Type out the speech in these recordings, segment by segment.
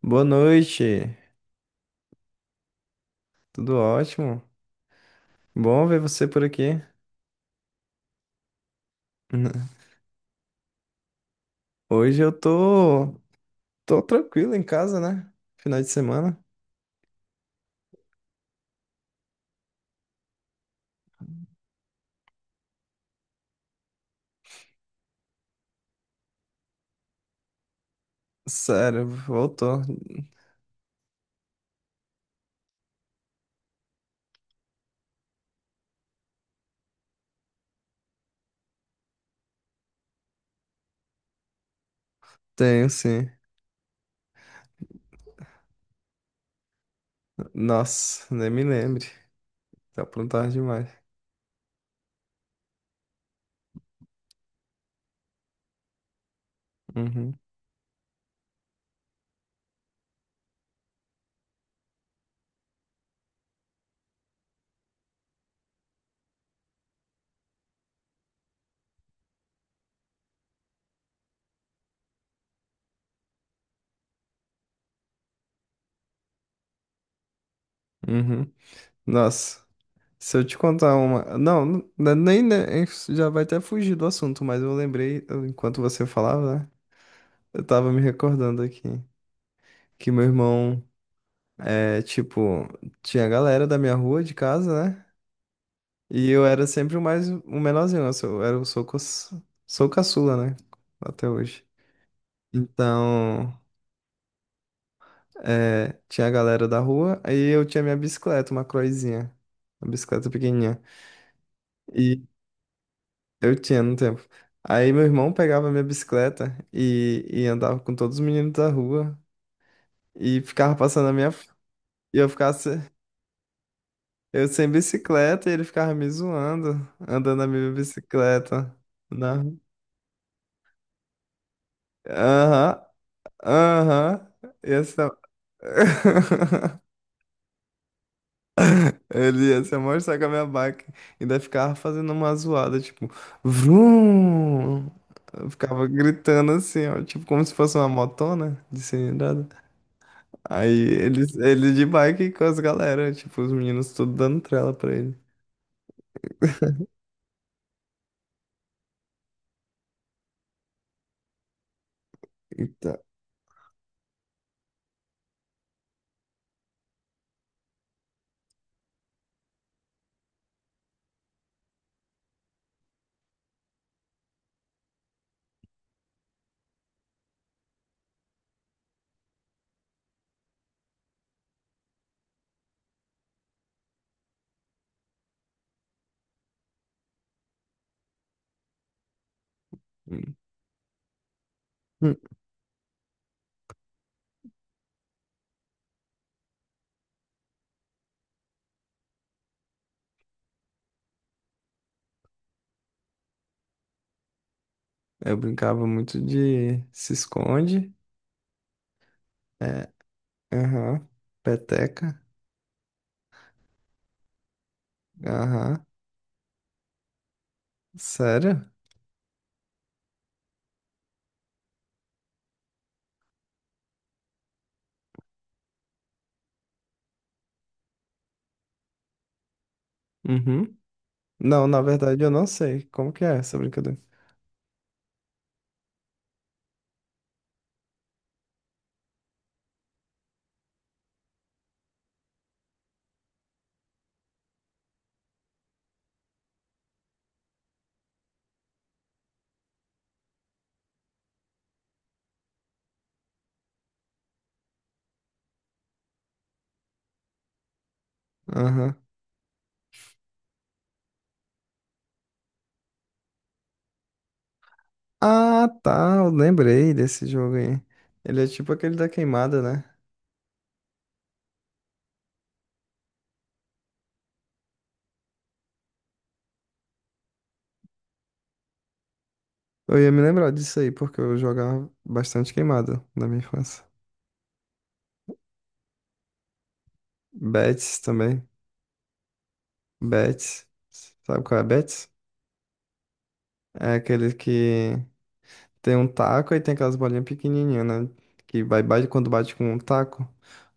Boa noite, tudo ótimo. Bom ver você por aqui. Hoje eu tô tranquilo em casa, né? Final de semana. Sério, voltou. Tenho sim. Nossa, nem me lembre. Tá aprontar demais. Uhum, uhum. Nossa, se eu te contar uma. Não, nem já vai até fugir do assunto, mas eu lembrei, enquanto você falava, né? Eu tava me recordando aqui que meu irmão é tipo. Tinha a galera da minha rua de casa, né? E eu era sempre o menorzinho, né? eu sou, eu era o sou, sou caçula, né? Até hoje. Então, tinha a galera da rua, aí eu tinha minha bicicleta, uma croizinha, uma bicicleta pequenininha. E eu tinha no tempo. Aí meu irmão pegava minha bicicleta e andava com todos os meninos da rua e ficava passando a minha. E eu ficava, eu sem bicicleta e ele ficava me zoando, andando na minha bicicleta. Na... Aham, aham, essa. Ele ia se mostrar com a minha bike. Ainda ficava fazendo uma zoada, tipo, vrum! Eu ficava gritando assim, ó, tipo, como se fosse uma motona de cilindrada. Aí ele de bike com as galera, tipo, os meninos tudo dando trela pra ele. Então, hum, eu brincava muito de se esconde, é, aham, peteca, aham, sério? Uhum. Não, na verdade eu não sei. Como que é essa brincadeira? Aham. Ah, tá. Eu lembrei desse jogo aí. Ele é tipo aquele da queimada, né? Eu ia me lembrar disso aí, porque eu jogava bastante queimada na minha infância. Betis também. Betis. Sabe qual é Betis? É aquele que tem um taco e tem aquelas bolinhas pequenininhas, né? Que vai, bate, quando bate com um taco,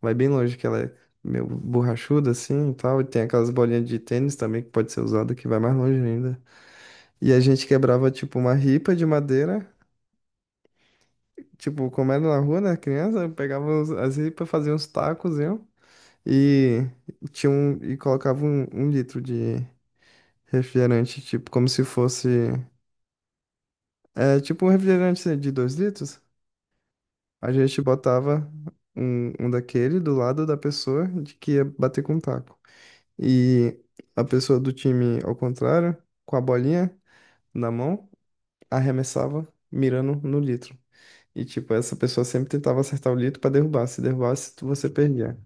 vai bem longe, que ela é meio borrachuda assim e tal. E tem aquelas bolinhas de tênis também que pode ser usada que vai mais longe ainda. E a gente quebrava, tipo, uma ripa de madeira. Tipo, como era na rua, né? Criança, pegava as ripas, fazia uns tacos, viu? E, e colocava um litro de refrigerante, tipo, como se fosse... É, tipo um refrigerante assim, de 2 litros. A gente botava um daquele do lado da pessoa de que ia bater com o taco. E a pessoa do time, ao contrário, com a bolinha na mão, arremessava, mirando no litro. E, tipo, essa pessoa sempre tentava acertar o litro pra derrubar. Se derrubasse, você perdia.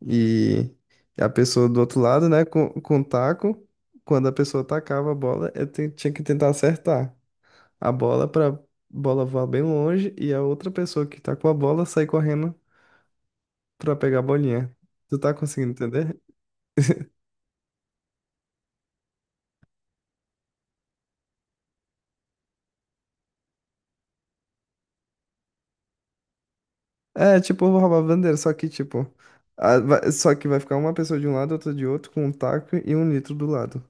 E a pessoa do outro lado, né, com o taco, quando a pessoa tacava a bola, tinha que tentar acertar a bola pra bola voar bem longe e a outra pessoa que tá com a bola sair correndo pra pegar a bolinha. Tu tá conseguindo entender? É, tipo, eu vou roubar a bandeira, só que, tipo, só que vai ficar uma pessoa de um lado, outra de outro, com um taco e um litro do lado.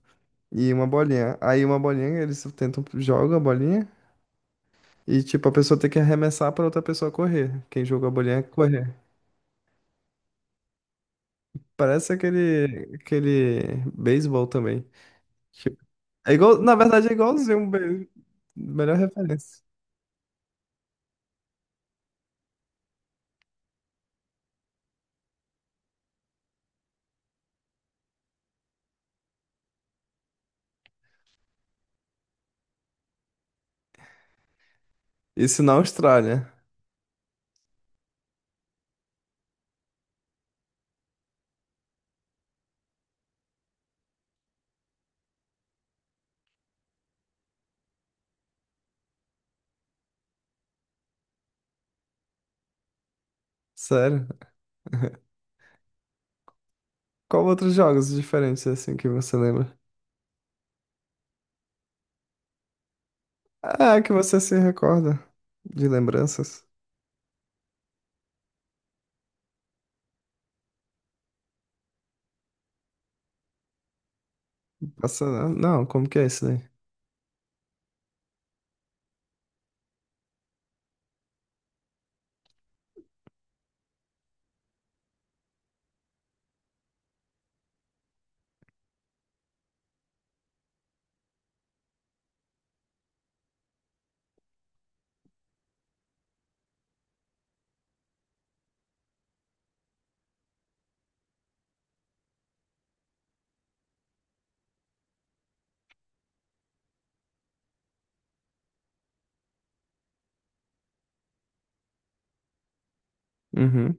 E uma bolinha. Aí uma bolinha, eles tentam, jogam a bolinha. E, tipo, a pessoa tem que arremessar pra outra pessoa correr. Quem jogou a bolinha correr. Parece aquele beisebol também. Tipo, é igual, na verdade, é igualzinho um beisebol. Melhor referência. Isso na Austrália. Sério. Qual outros jogos diferentes, assim, que você lembra? Ah, que você se recorda de lembranças. Passa... Não, como que é isso daí? Uhum,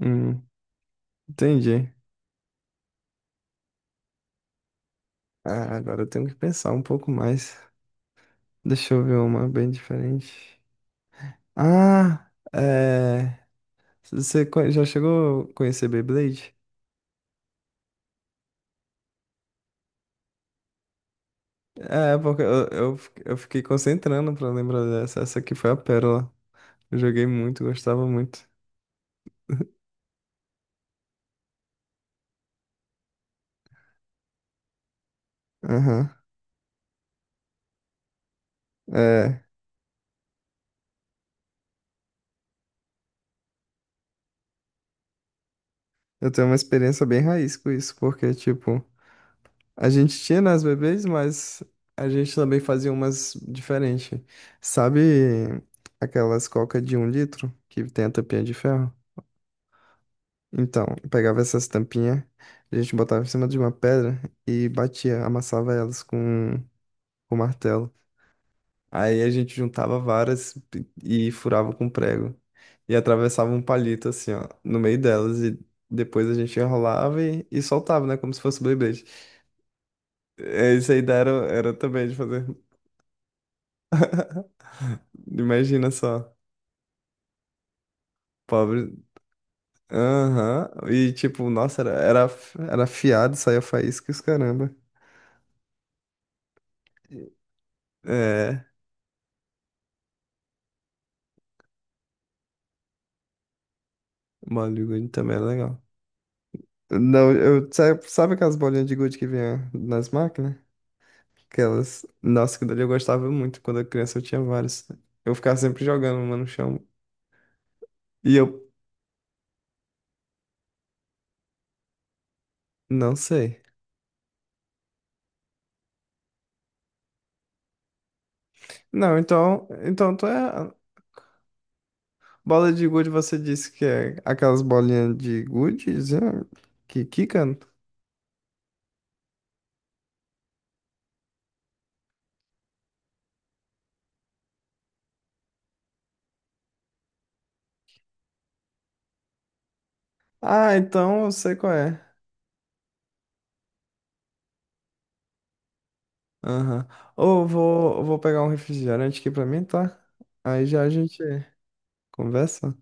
uhum, entendi. Ah, agora eu tenho que pensar um pouco mais. Deixa eu ver uma bem diferente. Ah, é... Você já chegou a conhecer Beyblade? É, porque eu fiquei concentrando pra lembrar dessa. Essa aqui foi a pérola. Eu joguei muito, gostava muito. Aham. É, eu tenho uma experiência bem raiz com isso, porque, tipo, a gente tinha nas bebês, mas a gente também fazia umas diferentes. Sabe aquelas coca de um litro que tem a tampinha de ferro? Então, eu pegava essas tampinhas, a gente botava em cima de uma pedra e batia, amassava elas com martelo. Aí a gente juntava varas e furava com prego. E atravessava um palito assim, ó, no meio delas. E depois a gente enrolava e soltava, né? Como se fosse Beyblade. É, isso aí daí era também de fazer. Imagina só, pobre. Aham. E tipo, nossa, era afiado, saía faísca e os caramba. É, bola de gude também era legal. Não, eu, sabe aquelas bolinhas de gude que vinha nas máquinas? Aquelas. Nossa, que dali eu gostava muito. Quando eu criança eu tinha várias. Eu ficava sempre jogando uma no chão. E eu não sei. Não, então tu é bola de gude você disse que é aquelas bolinhas de gude é, que quicam? Ah, então eu sei qual é. Aham. Eu vou pegar um refrigerante aqui pra mim, tá? Aí já a gente conversa.